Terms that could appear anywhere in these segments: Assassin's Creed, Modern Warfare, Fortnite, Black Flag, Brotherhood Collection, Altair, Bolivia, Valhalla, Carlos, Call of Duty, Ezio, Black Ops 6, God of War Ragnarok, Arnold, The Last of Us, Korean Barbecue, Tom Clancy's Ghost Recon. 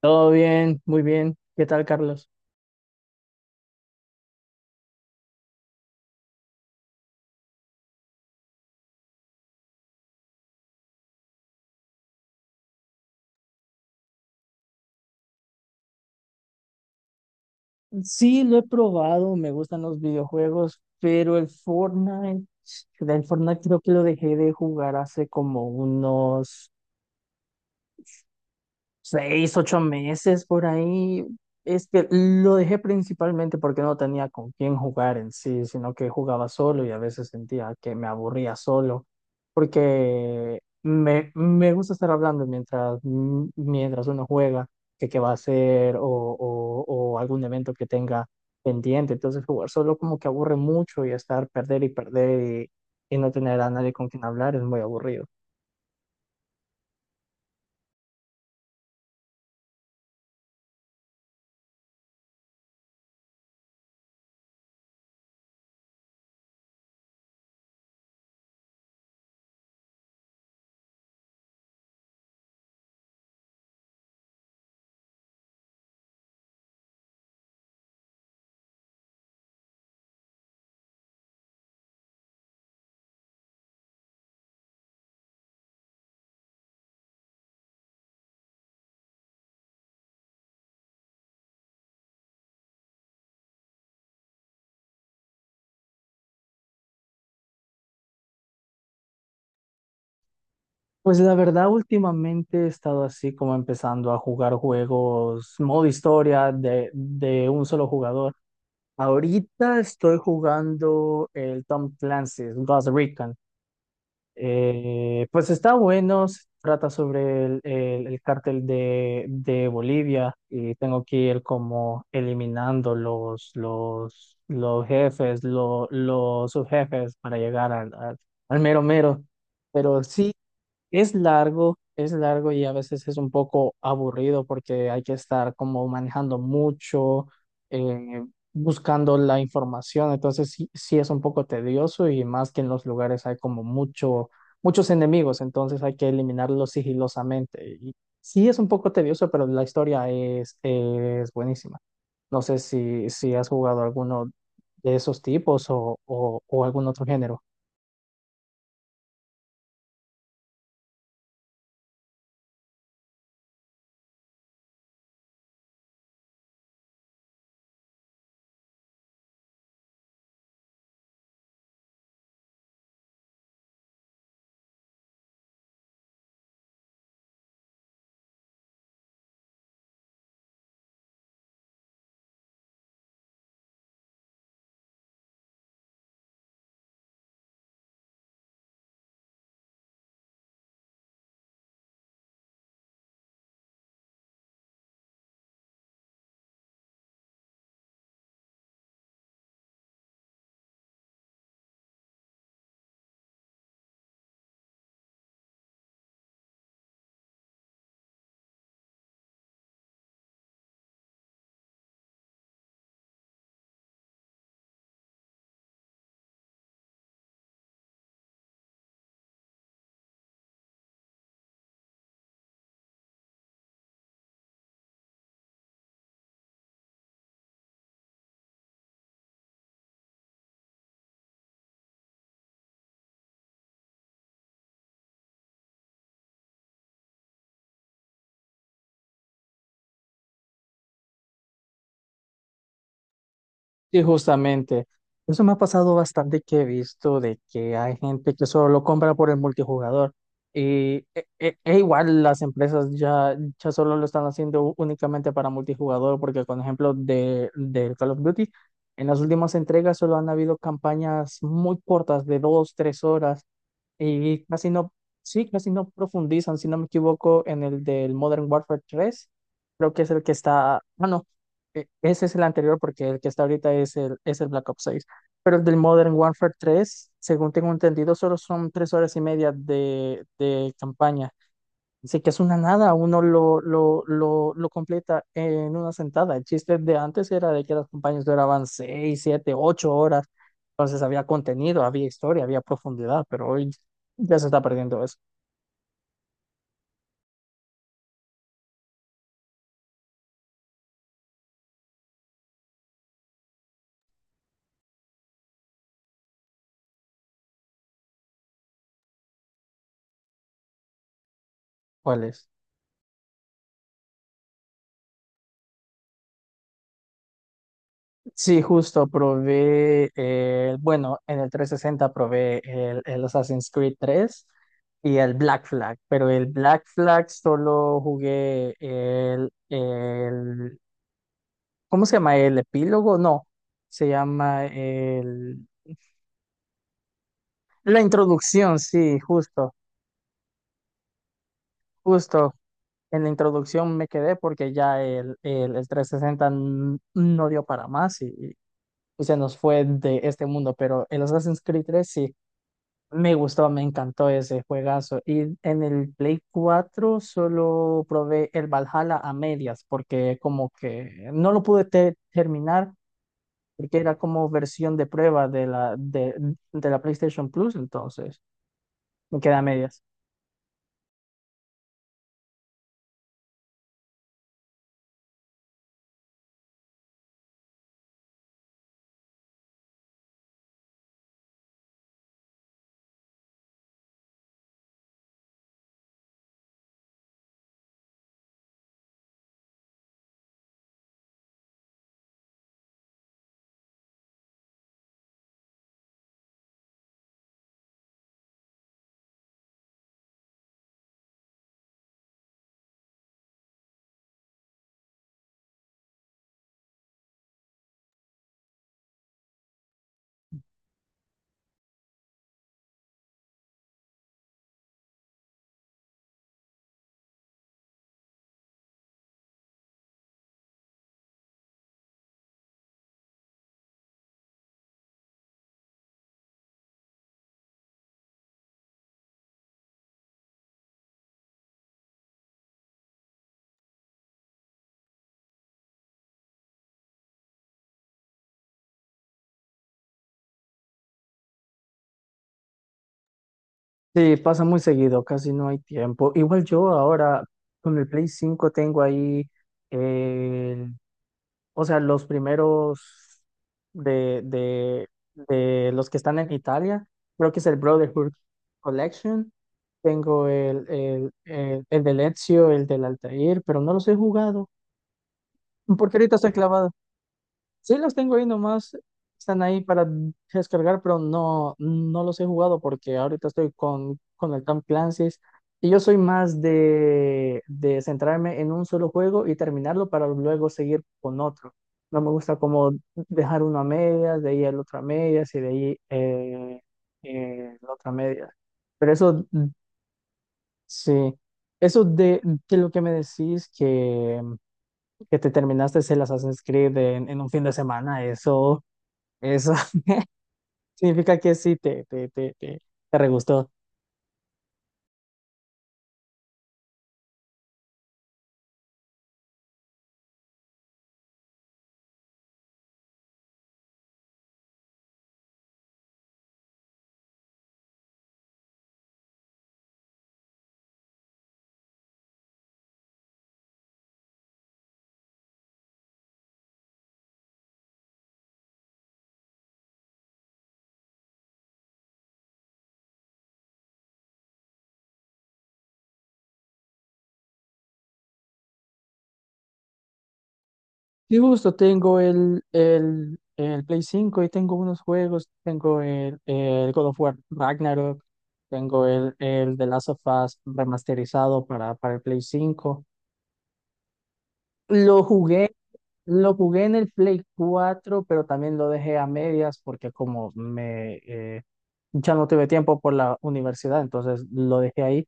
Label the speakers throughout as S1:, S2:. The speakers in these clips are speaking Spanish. S1: Todo bien, muy bien. ¿Qué tal, Carlos? Sí, lo he probado, me gustan los videojuegos, pero el Fortnite creo que lo dejé de jugar hace como unos seis, ocho meses por ahí. Es que lo dejé principalmente porque no tenía con quién jugar en sí, sino que jugaba solo y a veces sentía que me aburría solo, porque me gusta estar hablando mientras uno juega, que qué va a hacer o algún evento que tenga pendiente. Entonces jugar solo como que aburre mucho y estar perder y perder y no tener a nadie con quien hablar es muy aburrido. Pues la verdad, últimamente he estado así como empezando a jugar juegos modo historia de un solo jugador. Ahorita estoy jugando el Tom Clancy's Ghost Recon. Pues está bueno, se trata sobre el cártel de Bolivia y tengo que ir como eliminando los jefes, los subjefes para llegar al mero mero. Pero sí, es largo y a veces es un poco aburrido porque hay que estar como manejando mucho, eh, buscando la información. Entonces sí, sí es un poco tedioso y más que en los lugares hay como mucho, muchos enemigos, entonces hay que eliminarlos sigilosamente. Y sí es un poco tedioso, pero la historia es buenísima. No sé si has jugado alguno de esos tipos o algún otro género. Sí, justamente. Eso me ha pasado bastante que he visto de que hay gente que solo lo compra por el multijugador. Y e igual las empresas ya solo lo están haciendo únicamente para multijugador, porque con ejemplo del Call of Duty, en las últimas entregas solo han habido campañas muy cortas de dos, tres horas y casi no, sí, casi no profundizan, si no me equivoco, en el del Modern Warfare 3 creo que es el que está, bueno, ese es el anterior porque el que está ahorita es el Black Ops 6. Pero el del Modern Warfare 3, según tengo entendido, solo son 3 horas y media de campaña. Así que es una nada, uno lo completa en una sentada. El chiste de antes era de que las campañas duraban seis, siete, ocho horas. Entonces había contenido, había historia, había profundidad, pero hoy ya se está perdiendo eso. ¿Cuál es? Sí, justo probé, bueno, en el 360 probé el Assassin's Creed 3 y el Black Flag, pero el Black Flag solo jugué ¿cómo se llama? El epílogo, no, se llama el, la introducción, sí, justo, justo. En la introducción me quedé porque ya el 360 no dio para más y se nos fue de este mundo, pero el Assassin's Creed 3 sí. Me gustó, me encantó ese juegazo. Y en el Play 4 solo probé el Valhalla a medias, porque como que no lo pude terminar, porque era como versión de prueba de la PlayStation Plus, entonces me quedé a medias. Sí, pasa muy seguido, casi no hay tiempo. Igual yo ahora con el Play 5 tengo ahí. O sea, los primeros de, de, de los que están en Italia, creo que es el Brotherhood Collection. Tengo el de Ezio, el del Altair, pero no los he jugado. Porque ahorita estoy clavado. Sí, los tengo ahí nomás, están ahí para descargar, pero no, no los he jugado porque ahorita estoy con el Tom Clancy's y yo soy más de centrarme en un solo juego y terminarlo para luego seguir con otro. No me gusta como dejar uno a medias, de ahí el otro a medias y de ahí la otra a medias. Pero eso, mm, sí, eso de lo que me decís que te terminaste el Assassin's Creed en un fin de semana, eso... Eso significa que sí, te re gustó. Sí, justo tengo el Play 5 y tengo unos juegos. Tengo el God of War Ragnarok. Tengo el The Last of Us remasterizado para el Play 5. Lo jugué, lo jugué en el Play 4, pero también lo dejé a medias porque como me ya no tuve tiempo por la universidad, entonces lo dejé ahí.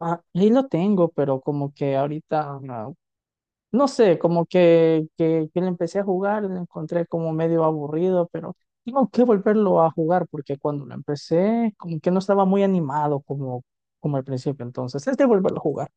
S1: Ah, ahí lo tengo, pero como que ahorita no. No sé, como que, que le empecé a jugar, lo encontré como medio aburrido, pero tengo que volverlo a jugar porque cuando lo empecé, como que no estaba muy animado como al principio. Entonces, es de volverlo a jugar.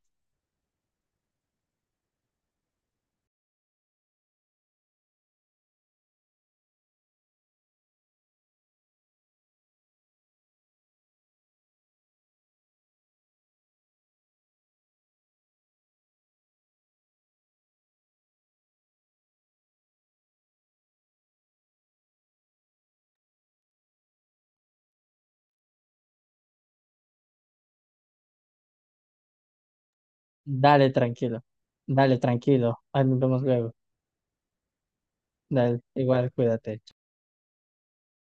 S1: Dale, tranquilo. Dale, tranquilo. Ahí nos vemos luego. Dale, igual, cuídate.